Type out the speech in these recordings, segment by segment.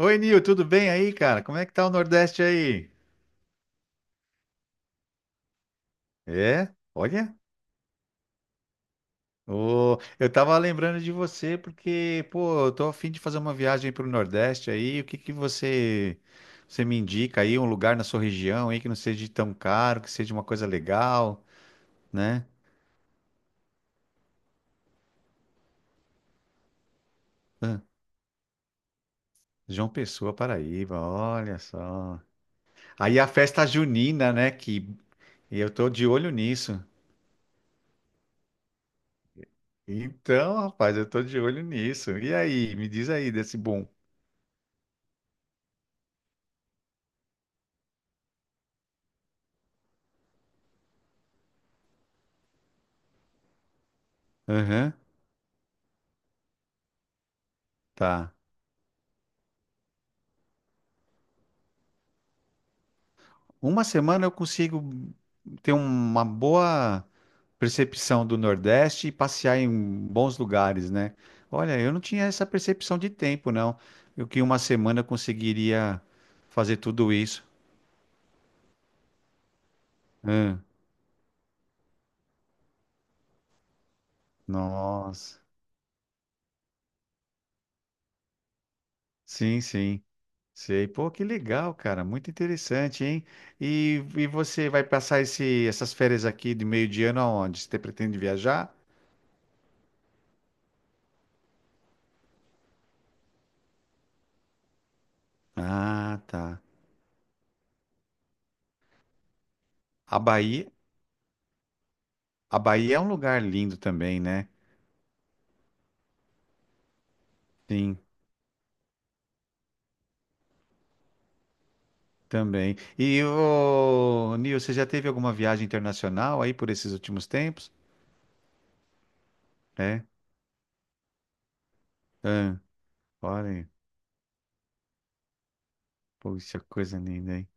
Oi, Nil, tudo bem aí, cara? Como é que tá o Nordeste aí? É? Olha, ô, eu tava lembrando de você porque, pô, eu tô a fim de fazer uma viagem pro Nordeste aí. O que que você me indica aí, um lugar na sua região aí que não seja tão caro, que seja uma coisa legal, né? Ah, João Pessoa, Paraíba, olha só. Aí a festa junina, né, que eu tô de olho nisso. Então, rapaz, eu tô de olho nisso. E aí, me diz aí desse bom. Aham, tá. Uma semana eu consigo ter uma boa percepção do Nordeste e passear em bons lugares, né? Olha, eu não tinha essa percepção de tempo, não. Eu que em uma semana eu conseguiria fazer tudo isso. Hã, nossa. Sim, sim. Sei. Pô, que legal, cara. Muito interessante, hein? E você vai passar essas férias aqui de meio de ano aonde? Você pretende viajar? Ah, tá. A Bahia, a Bahia é um lugar lindo também, né? Sim. Também. E o Nil, você já teve alguma viagem internacional aí por esses últimos tempos? É? Ah, olha, aí. Poxa, coisa linda, hein?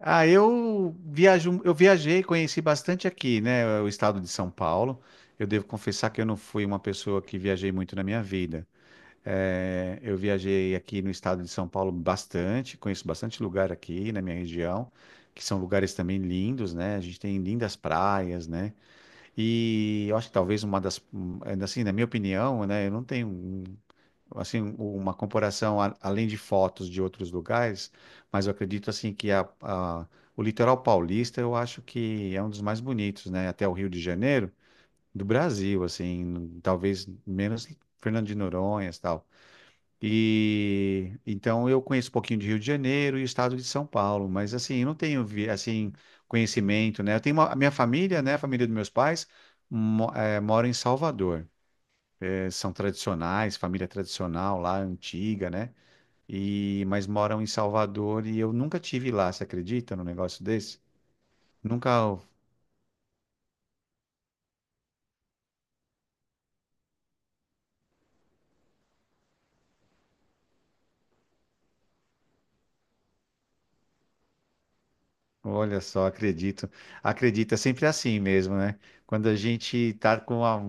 Ah, eu viajo, eu viajei, conheci bastante aqui, né? O estado de São Paulo. Eu devo confessar que eu não fui uma pessoa que viajei muito na minha vida. É, eu viajei aqui no estado de São Paulo bastante, conheço bastante lugar aqui na minha região, que são lugares também lindos, né? A gente tem lindas praias, né? E eu acho que talvez uma das, um, ainda assim, na minha opinião, né, eu não tenho um- assim uma comparação a- além de fotos de outros lugares, mas eu acredito assim que o litoral paulista eu acho que é um dos mais bonitos, né, até o Rio de Janeiro do Brasil, assim, talvez menos Fernando de Noronha, e tal. E então eu conheço um pouquinho de Rio de Janeiro e o estado de São Paulo, mas assim, eu não tenho vi- assim conhecimento, né? Eu tenho uma- a minha família, né, a família dos meus pais mo, mora em Salvador. São tradicionais, família tradicional lá, antiga, né? E mas moram em Salvador e eu nunca tive lá, você acredita num negócio desse? Nunca. Olha só, acredito. Acredito, é sempre assim mesmo, né? Quando a gente tá com a,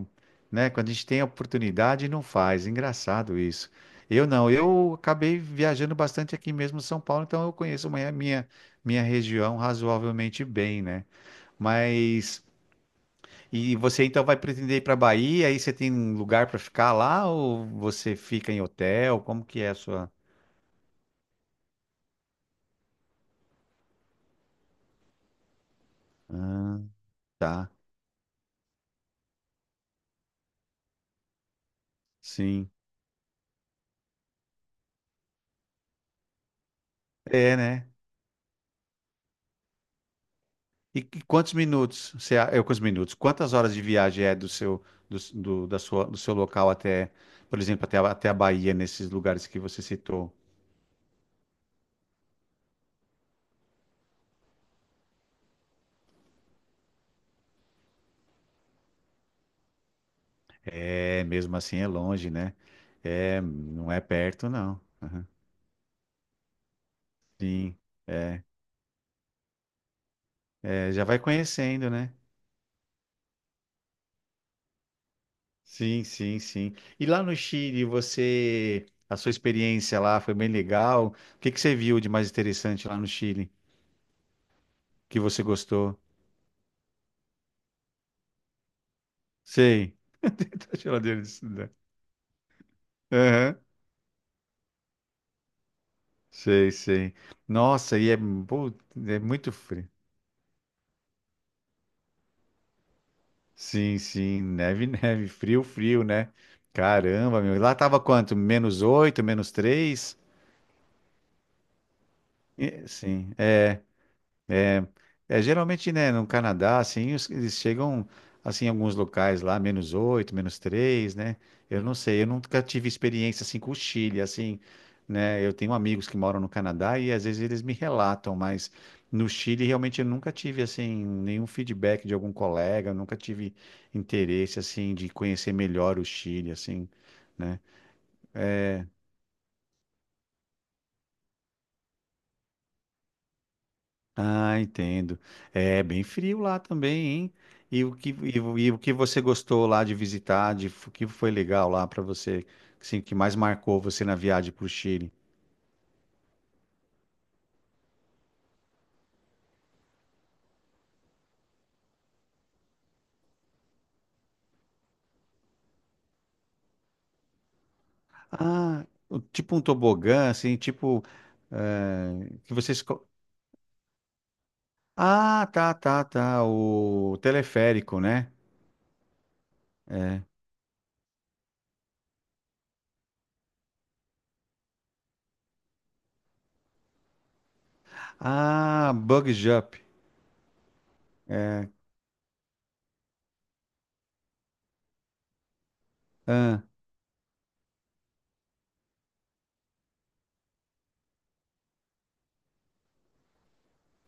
né? Quando a gente tem a oportunidade, não faz. Engraçado isso. Eu não, eu acabei viajando bastante aqui mesmo em São Paulo, então eu conheço minha região razoavelmente bem, né? Mas, e você então vai pretender ir para Bahia, aí você tem um lugar para ficar lá ou você fica em hotel? Como que é a sua... Ah, tá, sim. É, né? E quantos minutos você, a- é, quantos minutos? Quantas horas de viagem é do seu da sua, do seu local até, por exemplo, até, a- até a Bahia, nesses lugares que você citou? É, mesmo assim é longe, né? É, não é perto, não. Aham. Sim. É, já vai conhecendo, né? Sim, sim, sim. E lá no Chile, você, a sua experiência lá foi bem legal. O que que você viu de mais interessante lá no Chile que você gostou? Sei. A geladeira de estudar. Sei, sei. Nossa, pô, é muito frio. Sim, sim, neve, neve, frio, frio, né? Caramba, meu. Lá tava quanto? Menos oito, menos três? Sim, é, geralmente, né, no Canadá, assim, os- eles chegam, assim, em alguns locais lá, menos 8, menos 3, né? Eu não sei, eu nunca tive experiência, assim, com o Chile, assim, né? Eu tenho amigos que moram no Canadá e às vezes eles me relatam, mas no Chile, realmente, eu nunca tive, assim, nenhum feedback de algum colega, eu nunca tive interesse, assim, de conhecer melhor o Chile, assim, né? Ah, entendo. É bem frio lá também, hein? E o que você gostou lá de visitar, de, o que foi legal lá para você, assim, que mais marcou você na viagem para o Chile? Ah, o- tipo um tobogã, assim, tipo, que vocês... co- Ah, tá, tá, tá, o teleférico, né? Ah, bug jump. É, ah,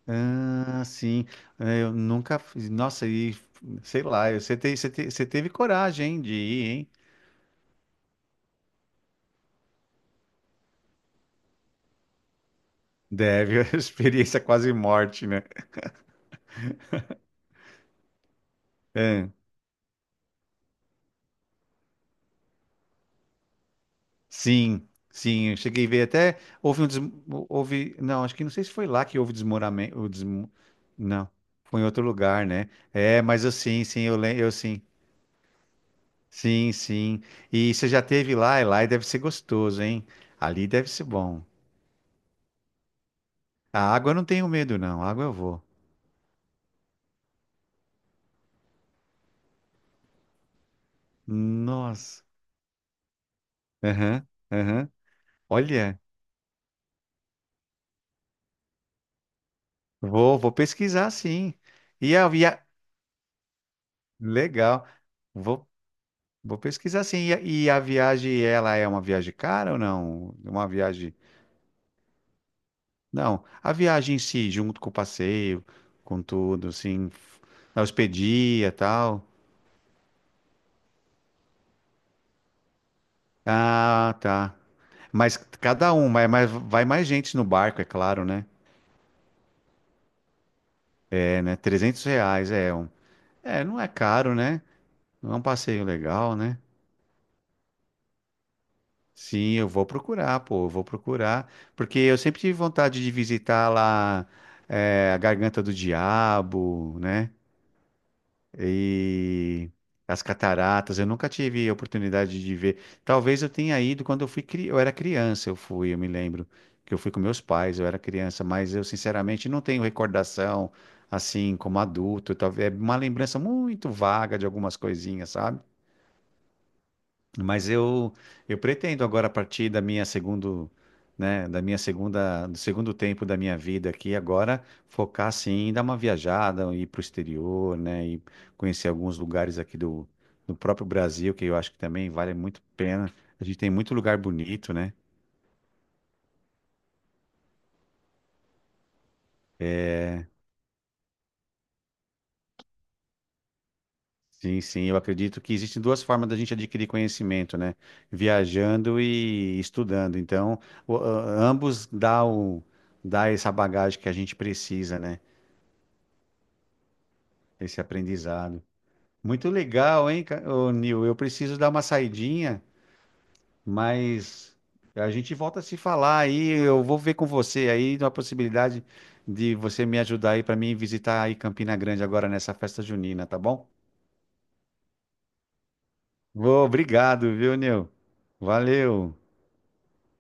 ah, sim. É, eu nunca fiz. Nossa, e sei lá, você teve coragem, hein, de ir, hein? Deve, a experiência quase morte, né? É, sim, sim, eu cheguei a ver até, houve um, des- houve, não, acho que não sei se foi lá que houve desmoramento, o desmo, não, foi em outro lugar, né? É, mas eu sim, sim, eu, lem- eu sim, sim, sim, e você já teve lá, e lá deve ser gostoso, hein? Ali deve ser bom. A água eu não tenho medo, não, a água eu vou. Nossa, aham, aham, olha, vou pesquisar, sim, e a, e a, legal. Vou Vou pesquisar sim. E a viagem, ela é uma viagem cara ou não? Uma viagem. Não, a viagem em si, junto com o passeio, com tudo, assim, f- a hospedia e tal. Ah, tá. Mas cada um, mas vai mais gente no barco, é claro, né? É, né? 300 reais é um. É, não é caro, né? Não é um passeio legal, né? Sim, eu vou procurar, pô, eu vou procurar. Porque eu sempre tive vontade de visitar lá, é, a Garganta do Diabo, né? E as cataratas. Eu nunca tive a oportunidade de ver. Talvez eu tenha ido quando eu fui, cri- eu era criança, eu fui, eu me lembro que eu fui com meus pais, eu era criança, mas eu sinceramente não tenho recordação assim como adulto. Talvez é uma lembrança muito vaga de algumas coisinhas, sabe? Mas eu eu pretendo agora a partir da minha segundo, né, da minha segunda, do segundo tempo da minha vida aqui agora focar sim em dar uma viajada, ir para o exterior, né, e conhecer alguns lugares aqui do próprio Brasil, que eu acho que também vale muito a pena. A gente tem muito lugar bonito, né? Sim, sim, eu acredito que existem duas formas da gente adquirir conhecimento, né? Viajando e estudando. Então, o- a- ambos dá o dá essa bagagem que a gente precisa, né? Esse aprendizado. Muito legal, hein, ca- ô, Nil? Eu preciso dar uma saidinha, mas a gente volta a se falar aí. Eu vou ver com você aí uma possibilidade de você me ajudar aí para mim visitar aí Campina Grande agora nessa festa junina, tá bom? Ô, obrigado, viu, Nil? Valeu.